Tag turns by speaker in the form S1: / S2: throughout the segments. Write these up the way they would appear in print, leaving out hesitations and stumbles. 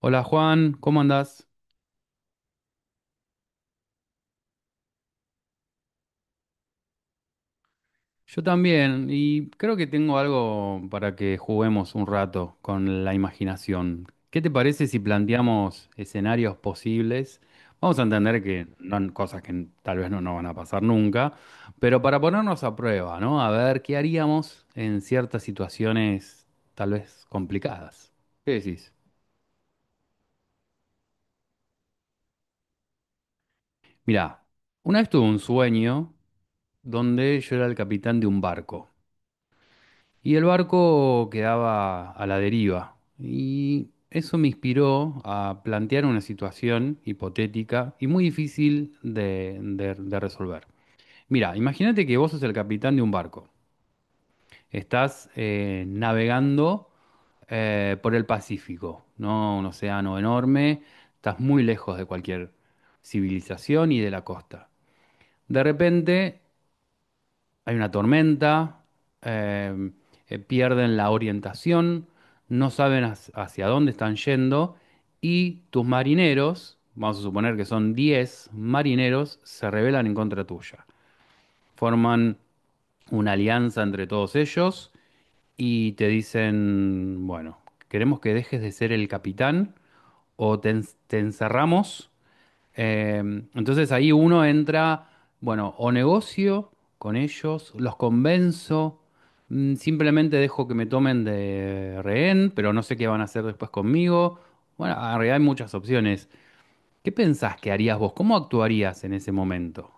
S1: Hola Juan, ¿cómo andás? Yo también, y creo que tengo algo para que juguemos un rato con la imaginación. ¿Qué te parece si planteamos escenarios posibles? Vamos a entender que no, cosas que tal vez no nos van a pasar nunca, pero para ponernos a prueba, ¿no? A ver qué haríamos en ciertas situaciones tal vez complicadas. ¿Qué decís? Mirá, una vez tuve un sueño donde yo era el capitán de un barco. Y el barco quedaba a la deriva. Y eso me inspiró a plantear una situación hipotética y muy difícil de resolver. Mira, imagínate que vos sos el capitán de un barco. Estás navegando por el Pacífico, ¿no? Un océano enorme. Estás muy lejos de cualquier civilización y de la costa. De repente hay una tormenta, eh, pierden la orientación, no saben hacia dónde están yendo y tus marineros, vamos a suponer que son 10 marineros, se rebelan en contra tuya. Forman una alianza entre todos ellos y te dicen, bueno, queremos que dejes de ser el capitán o te encerramos, eh, entonces ahí uno entra, bueno, o negocio con ellos, los convenzo, simplemente dejo que me tomen de rehén, pero no sé qué van a hacer después conmigo. Bueno, en realidad hay muchas opciones. ¿Qué pensás que harías vos? ¿Cómo actuarías en ese momento?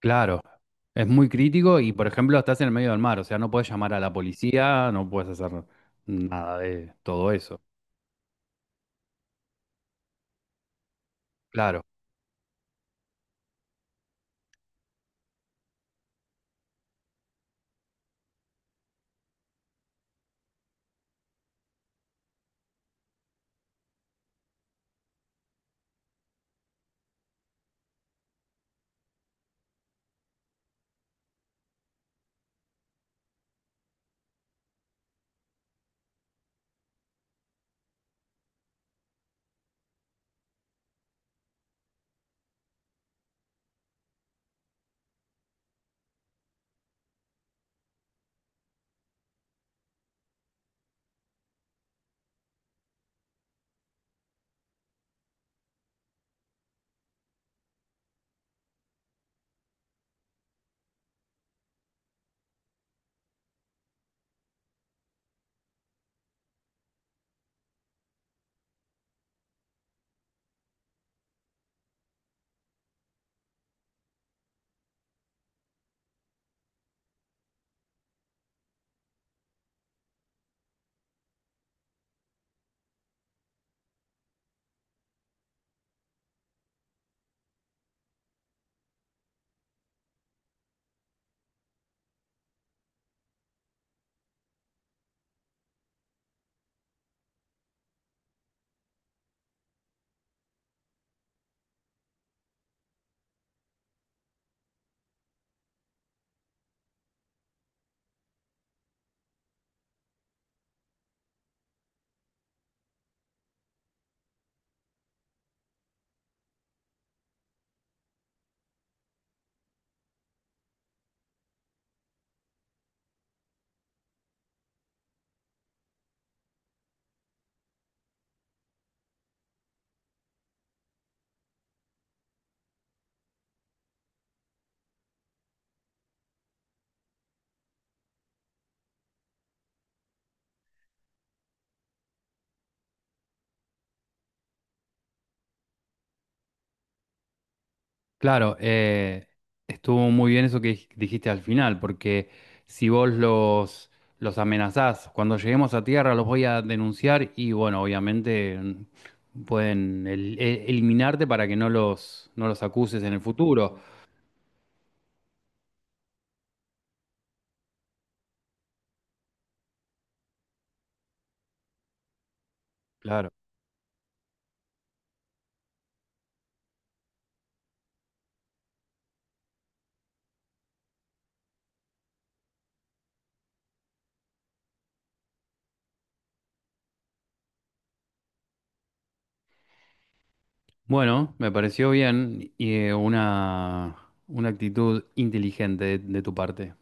S1: Claro, es muy crítico y, por ejemplo, estás en el medio del mar, o sea, no puedes llamar a la policía, no puedes hacer nada de todo eso. Claro. Claro, estuvo muy bien eso que dijiste al final, porque si vos los amenazás, cuando lleguemos a tierra los voy a denunciar y bueno, obviamente pueden eliminarte para que no los acuses en el futuro. Claro. Bueno, me pareció bien y una actitud inteligente de tu parte.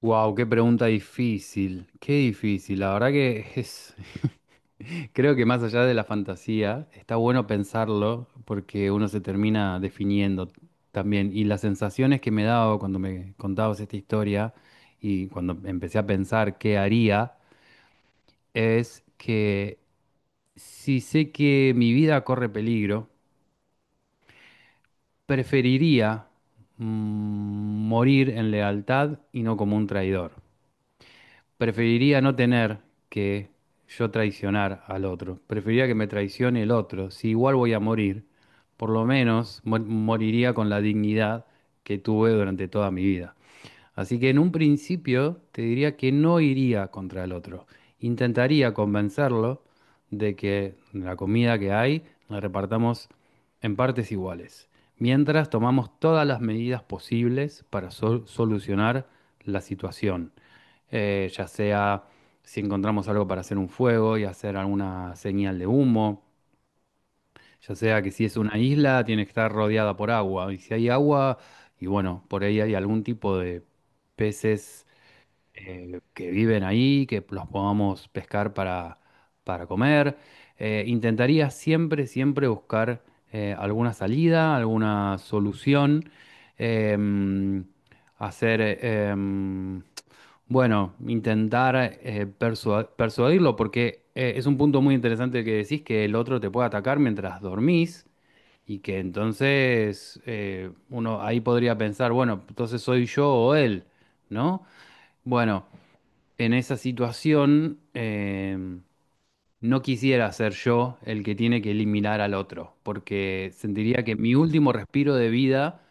S1: Wow, qué pregunta difícil, qué difícil, la verdad que es... Creo que más allá de la fantasía, está bueno pensarlo porque uno se termina definiendo también. Y las sensaciones que me daba cuando me contabas esta historia y cuando empecé a pensar qué haría, es que si sé que mi vida corre peligro, preferiría, mm, morir en lealtad y no como un traidor. Preferiría no tener que yo traicionar al otro. Preferiría que me traicione el otro. Si igual voy a morir, por lo menos moriría con la dignidad que tuve durante toda mi vida. Así que en un principio te diría que no iría contra el otro. Intentaría convencerlo de que la comida que hay la repartamos en partes iguales, mientras tomamos todas las medidas posibles para solucionar la situación. Ya sea si encontramos algo para hacer un fuego y hacer alguna señal de humo, ya sea que si es una isla, tiene que estar rodeada por agua. Y si hay agua, y bueno, por ahí hay algún tipo de peces que viven ahí, que los podamos pescar para comer. Intentaría siempre, siempre buscar, alguna salida, alguna solución, em, hacer, bueno, intentar persuadirlo, porque es un punto muy interesante que decís que el otro te puede atacar mientras dormís. Y que entonces uno ahí podría pensar, bueno, entonces soy yo o él, ¿no? Bueno, en esa situación, no quisiera ser yo el que tiene que eliminar al otro, porque sentiría que mi último respiro de vida,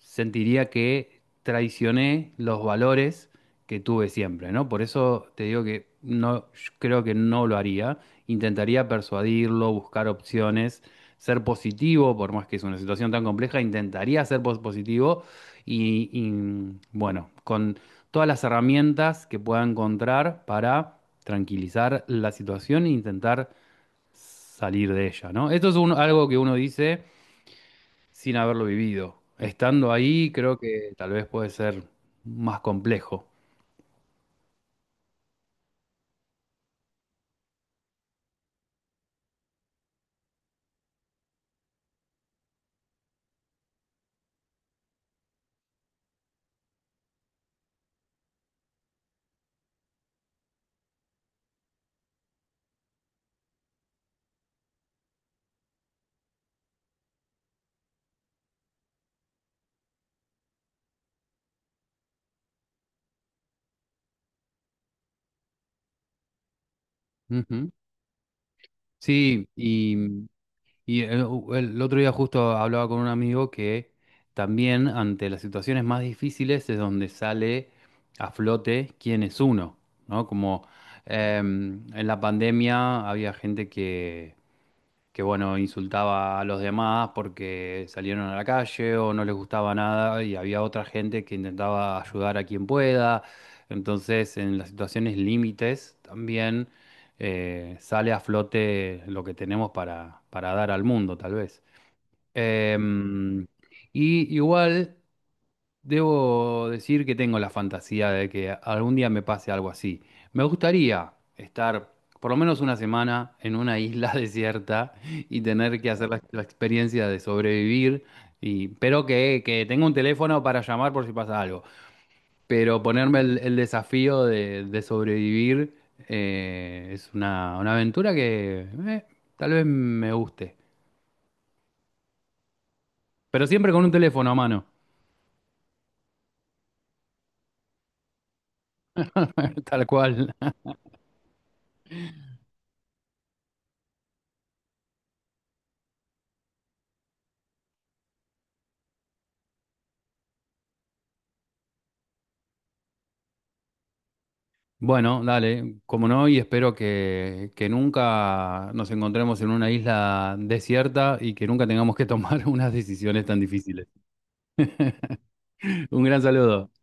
S1: sentiría que traicioné los valores que tuve siempre, ¿no? Por eso te digo que no, yo creo que no lo haría. Intentaría persuadirlo, buscar opciones, ser positivo, por más que es una situación tan compleja, intentaría ser positivo y bueno, con todas las herramientas que pueda encontrar para tranquilizar la situación e intentar salir de ella, ¿no? Esto es algo que uno dice sin haberlo vivido. Estando ahí, creo que tal vez puede ser más complejo. Ujú. Sí, y, y el, el otro día justo hablaba con un amigo que también ante las situaciones más difíciles es donde sale a flote quién es uno, ¿no? Como en la pandemia había gente que bueno, insultaba a los demás porque salieron a la calle o no les gustaba nada y había otra gente que intentaba ayudar a quien pueda. Entonces, en las situaciones límites también, sale a flote lo que tenemos para dar al mundo, tal vez. Em, y igual... Debo decir que tengo la fantasía de que algún día me pase algo así. Me gustaría estar por lo menos una semana en una isla desierta y tener que hacer la experiencia de sobrevivir, y, pero que tenga un teléfono para llamar por si pasa algo. Pero ponerme el desafío de sobrevivir, es una aventura que tal vez me guste. Pero siempre con un teléfono a mano, tal cual. Bueno, dale, como no, y espero que nunca nos encontremos en una isla desierta y que nunca tengamos que tomar unas decisiones tan difíciles. Un gran saludo.